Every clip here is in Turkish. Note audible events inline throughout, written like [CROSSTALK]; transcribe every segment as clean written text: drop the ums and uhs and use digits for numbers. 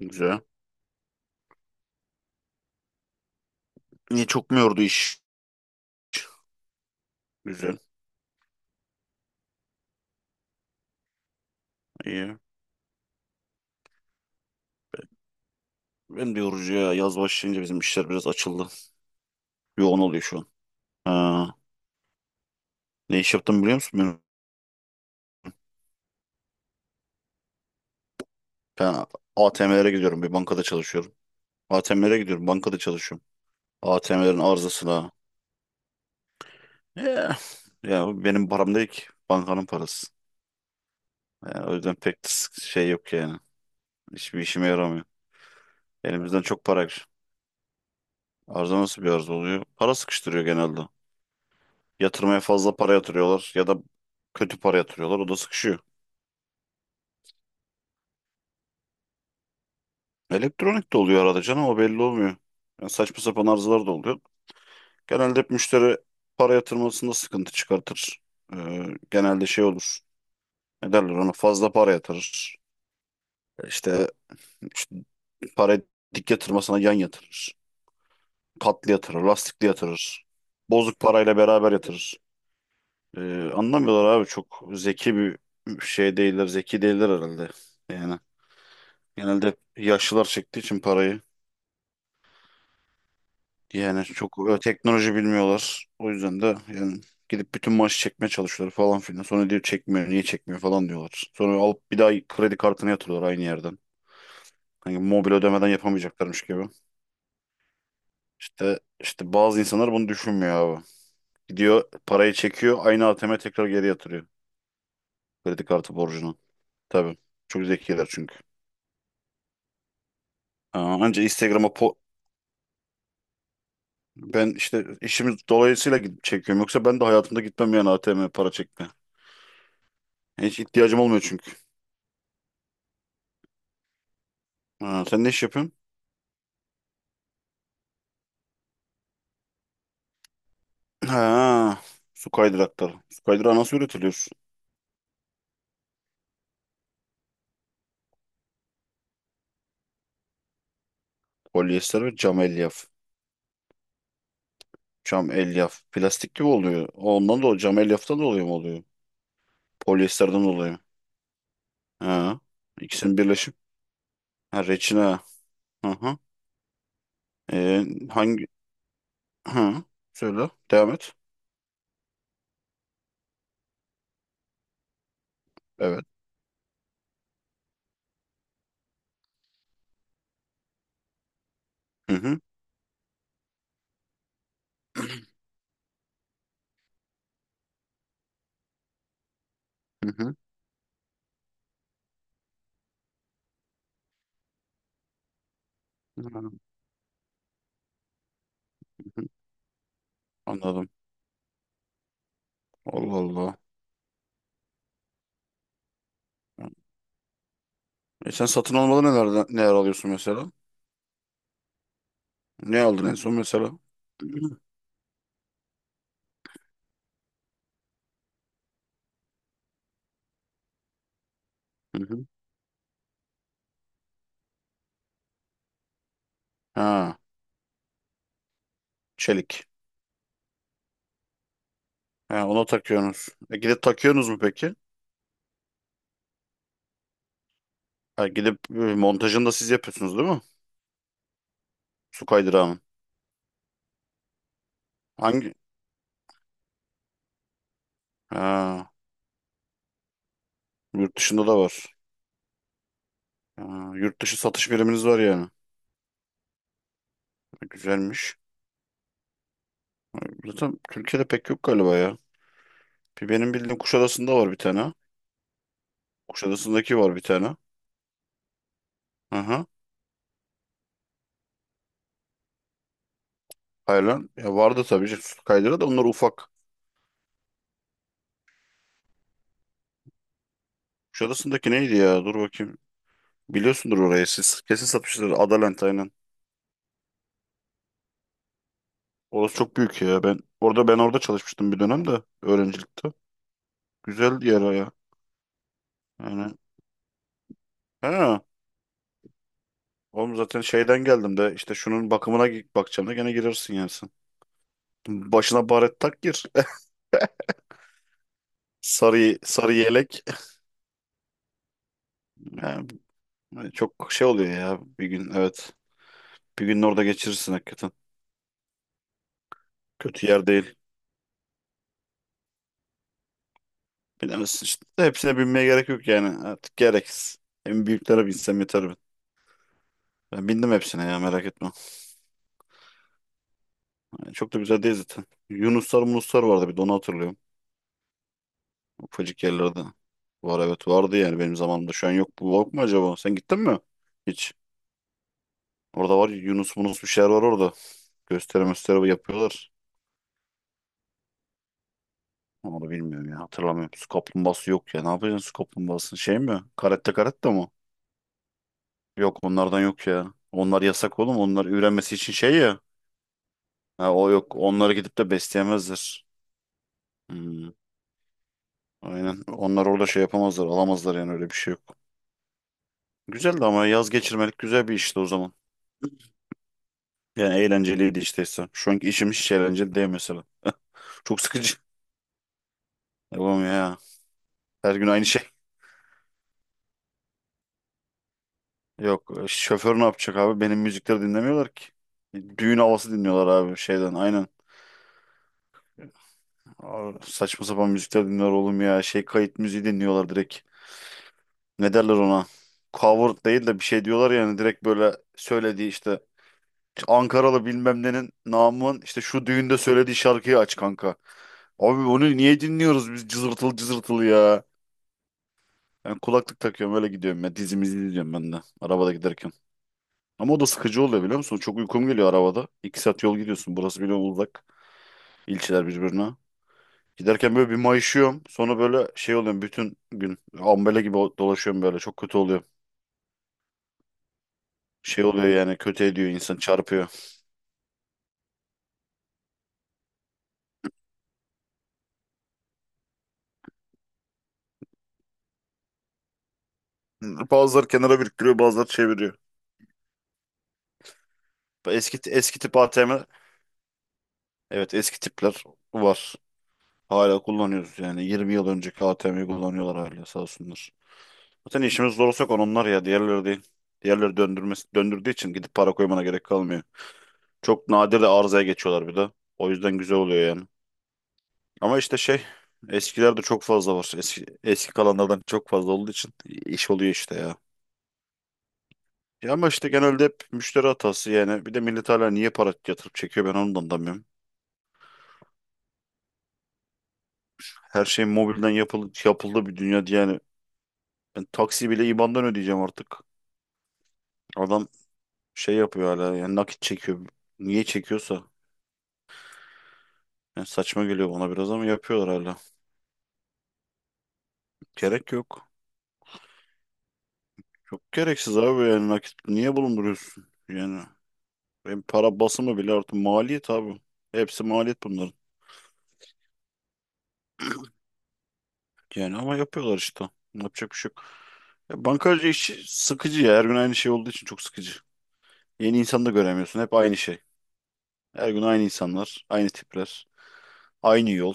Güzel. Niye çok mu yordu iş? Güzel. İyi. Ben de yorucu ya. Yaz başlayınca bizim işler biraz açıldı. Yoğun oluyor şu an. Ha. Ne iş yaptım biliyor musun? Ben ATM'lere gidiyorum. Bir bankada çalışıyorum. ATM'lere gidiyorum. Bankada çalışıyorum. ATM'lerin arızasına. Ya, ya, bu benim param değil ki. Bankanın parası. Ya, o yüzden pek de şey yok yani. Hiçbir işime yaramıyor. Elimizden çok para gidiyor. Arıza nasıl bir arıza oluyor? Para sıkıştırıyor genelde. Yatırmaya fazla para yatırıyorlar ya da kötü para yatırıyorlar. O da sıkışıyor. Elektronik de oluyor arada canım, o belli olmuyor. Yani saçma sapan arızalar da oluyor. Genelde hep müşteri para yatırmasında sıkıntı çıkartır. Ee, Genelde şey olur. Ne derler ona, fazla para yatırır. İşte, işte, para dik yatırmasına yan yatırır. Katlı yatırır, lastikli yatırır. Bozuk parayla beraber yatırır. Anlamıyorlar abi, çok zeki bir şey değiller, zeki değiller herhalde. Yani genelde hep yaşlılar çektiği için parayı. Yani çok teknoloji bilmiyorlar. O yüzden de yani gidip bütün maaşı çekmeye çalışıyorlar falan filan. Sonra diyor çekmiyor, niye çekmiyor falan diyorlar. Sonra alıp bir daha kredi kartını yatırıyorlar aynı yerden. Hani mobil ödemeden yapamayacaklarmış gibi. İşte, bazı insanlar bunu düşünmüyor abi. Gidiyor parayı çekiyor, aynı ATM'e tekrar geri yatırıyor kredi kartı borcunu. Tabii. Çok zekiler çünkü. Aa, ben işte işimiz dolayısıyla gidip çekiyorum. Yoksa ben de hayatımda gitmem yani ATM'ye para çekme. Hiç ihtiyacım olmuyor çünkü. Ha, sen ne iş yapıyorsun? Ha, su kaydırakları. Su kaydırağı nasıl üretiliyor? Polyester ve cam elyaf. Cam elyaf. Plastik gibi oluyor. Ondan dolayı, cam elyaftan dolayı mı oluyor? Polyesterden dolayı. Ha, ikisinin birleşim. Ha, reçine. Hı hı. Ee, hangi? Hı. Söyle. Devam et. Evet. Hı hı. Hı hı. Hı hı. Anladım. Allah Allah. E, sen satın almadan neler, neler alıyorsun mesela? Ne aldın en son mesela? Hı hı. Ha, çelik. He, ona takıyorsunuz. E, gidip takıyorsunuz mu peki? Ha, gidip montajını da siz yapıyorsunuz değil mi? Su kaydırağının. Hangi? Ha, yurt dışında da var. Ha, yurt dışı satış biriminiz var yani. E, güzelmiş. Zaten Türkiye'de pek yok galiba ya. Bir benim bildiğim Kuşadası'nda var bir tane. Kuşadası'ndaki var bir tane. Hı hı. Haylan. Ya vardı tabii ki, su kaydırağı da onlar ufak. Kuşadası'ndaki neydi ya? Dur bakayım. Biliyorsundur orayı siz. Kesin satmışlar. Adalent aynen. Orası çok büyük ya. Ben orada çalışmıştım bir dönem de öğrencilikte. Güzel yer o ya. Yani. Ha. Oğlum zaten şeyden geldim de işte şunun bakımına bakacağım da gene girersin yani sen. Başına baret tak gir. [LAUGHS] Sarı, sarı yelek. Yani çok şey oluyor ya bir gün, evet. Bir gün orada geçirirsin hakikaten. Kötü yer değil. Bilemezsin işte. Hepsine binmeye gerek yok yani. Artık gereksiz. En büyüklere binsem yeter ben. Ben bindim hepsine ya, merak etme. Yani çok da güzel değil zaten. Yunuslar munuslar vardı, bir de onu hatırlıyorum. Ufacık yerlerde. Var, evet, vardı yani benim zamanımda. Şu an yok. Bu yok mu acaba? Sen gittin mi? Hiç. Orada var, Yunus Munus bir şeyler var orada. Gösteri gösteri yapıyorlar. Onu bilmiyorum ya, hatırlamıyorum. Su kaplumbağası yok ya. Ne yapacaksın su kaplumbağasını? Şey mi? Karette karette mi? Yok, onlardan yok ya. Onlar yasak oğlum. Onlar ürenmesi için şey ya. Ha, o yok. Onları gidip de besleyemezler. Hmm. Aynen. Onlar orada şey yapamazlar. Alamazlar, yani öyle bir şey yok. Güzeldi ama, yaz geçirmelik güzel bir işti o zaman. Yani eğlenceliydi işte. Şu anki işim hiç eğlenceli değil mesela. [LAUGHS] Çok sıkıcı. Yapamıyor ya. Her gün aynı şey. Yok, şoför ne yapacak abi? Benim müzikleri dinlemiyorlar ki. E, düğün havası dinliyorlar abi, şeyden aynen. Abi, saçma sapan müzikler dinliyorlar oğlum ya. Şey kayıt müziği dinliyorlar direkt. Ne derler ona? Cover değil de bir şey diyorlar yani, direkt böyle söylediği işte Ankaralı bilmem nenin namın işte şu düğünde söylediği şarkıyı aç kanka. Abi, onu niye dinliyoruz biz, cızırtılı cızırtılı ya? Ben kulaklık takıyorum, öyle gidiyorum ya. Dizimi izliyorum ben de arabada giderken. Ama o da sıkıcı oluyor biliyor musun? Çok uykum geliyor arabada. 2 saat yol gidiyorsun. Burası biliyorum uzak. İlçeler birbirine. Giderken böyle bir mayışıyorum. Sonra böyle şey oluyorum bütün gün. Ambele gibi dolaşıyorum böyle. Çok kötü oluyor. Şey oluyor yani, kötü ediyor, insan çarpıyor. [LAUGHS] Bazıları kenara biriktiriyor, bazıları çeviriyor. Eski tip ATM, evet, eski tipler var. Hala kullanıyoruz yani, 20 yıl önceki ATM'yi kullanıyorlar hala sağ olsunlar. Zaten işimiz zor olsak onlar ya, diğerleri değil. Diğerleri döndürmesi, döndürdüğü için gidip para koymana gerek kalmıyor. Çok nadir de arızaya geçiyorlar bir de. O yüzden güzel oluyor yani. Ama işte şey, eskilerde çok fazla var. Eski kalanlardan çok fazla olduğu için iş oluyor işte ya. Ya ama işte genelde hep müşteri hatası yani. Bir de millet hala niye para yatırıp çekiyor, ben onu da anlamıyorum. Her şey mobilden yapıldı, yapıldı bir dünya diye yani. Ben taksi bile IBAN'dan ödeyeceğim artık. Adam şey yapıyor hala yani, nakit çekiyor. Niye çekiyorsa. Yani saçma geliyor bana biraz ama yapıyorlar hala. Gerek yok. Çok gereksiz abi, yani nakit niye bulunduruyorsun? Yani hem para basımı bile artık maliyet abi. Hepsi maliyet bunların. Yani ama yapıyorlar işte. Yapacak bir şey yok. Ya bankacı işi sıkıcı ya. Her gün aynı şey olduğu için çok sıkıcı. Yeni insan da göremiyorsun. Hep aynı şey. Her gün aynı insanlar, aynı tipler, aynı yol.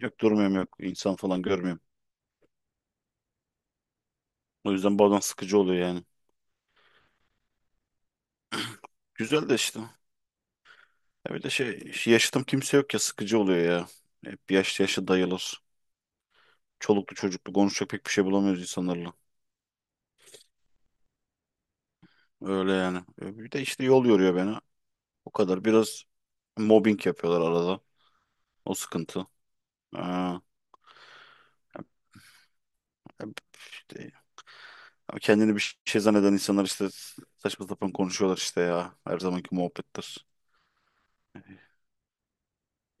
Yok, durmuyorum, yok, insan falan görmüyorum. O yüzden bazen sıkıcı oluyor yani. Güzel de işte. Öyle şey, yaşıtım kimse yok ya, sıkıcı oluyor ya. Hep yaşlı yaşlı dayılar. Çoluklu çocuklu, konuşacak pek bir şey bulamıyoruz insanlarla. Öyle yani. E, bir de işte yol yoruyor beni. O kadar. Biraz mobbing yapıyorlar arada. O sıkıntı. Aa, e, işte, kendini bir şey zanneden insanlar işte saçma sapan konuşuyorlar işte ya. Her zamanki muhabbettir.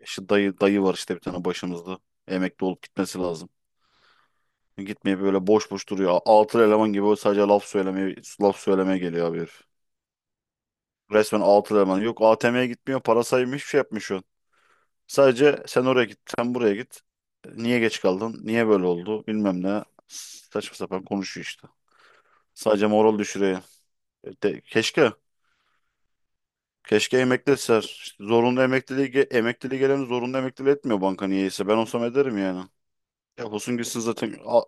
İşte dayı var işte bir tane başımızda. Emekli olup gitmesi lazım. Gitmeye böyle boş boş duruyor. Altı eleman gibi böyle, sadece laf söylemeye, laf söylemeye geliyor abi herif. Resmen 6 eleman. Yok, ATM'ye gitmiyor. Para saymış, hiçbir şey yapmıyor. Sadece sen oraya git. Sen buraya git. Niye geç kaldın? Niye böyle oldu? Bilmem ne. Saçma sapan konuşuyor işte. Sadece moral düşürüyor. Keşke. Keşke emekliler. İşte zorunlu emekliliği, emekliliği gelen zorunlu emekliliği etmiyor banka niyeyse. Ben olsam ederim yani. Ya olsun gitsin zaten, A-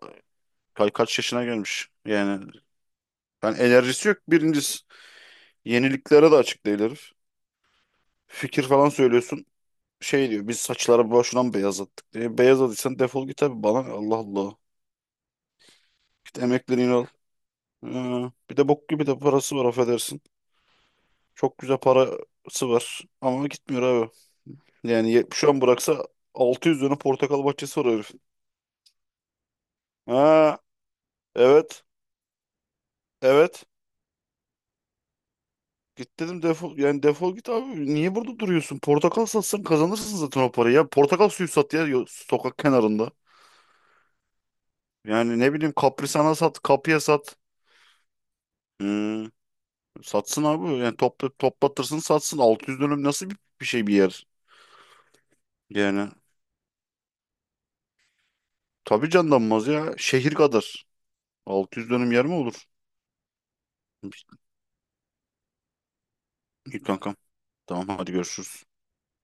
ka- kaç yaşına gelmiş. Yani ben, enerjisi yok birincisi. Yeniliklere de açık değil herif. Fikir falan söylüyorsun. Şey diyor, biz saçları boşuna mı beyazlattık diye. Beyazladıysan defol git abi. Bana ne? Allah Allah. Git emeklerini al. Ee, Bir de bok gibi de parası var, affedersin. Çok güzel parası var ama gitmiyor abi. Yani şu an bıraksa 600 dönüm portakal bahçesi var herifin. Ha, evet, evet. Git dedim, defol yani, defol git abi. Niye burada duruyorsun? Portakal satsan kazanırsın zaten o parayı ya. Portakal suyu sat ya, sokak kenarında. Yani ne bileyim kaprisana sat, kapıya sat. Hmm. Satsın abi. Yani topla, toplatırsın, satsın. 600 dönüm nasıl bir şey bir yer? Yani tabii canlanmaz ya. Şehir kadar. 600 dönüm yer mi olur? İyi kankam. Tamam hadi görüşürüz.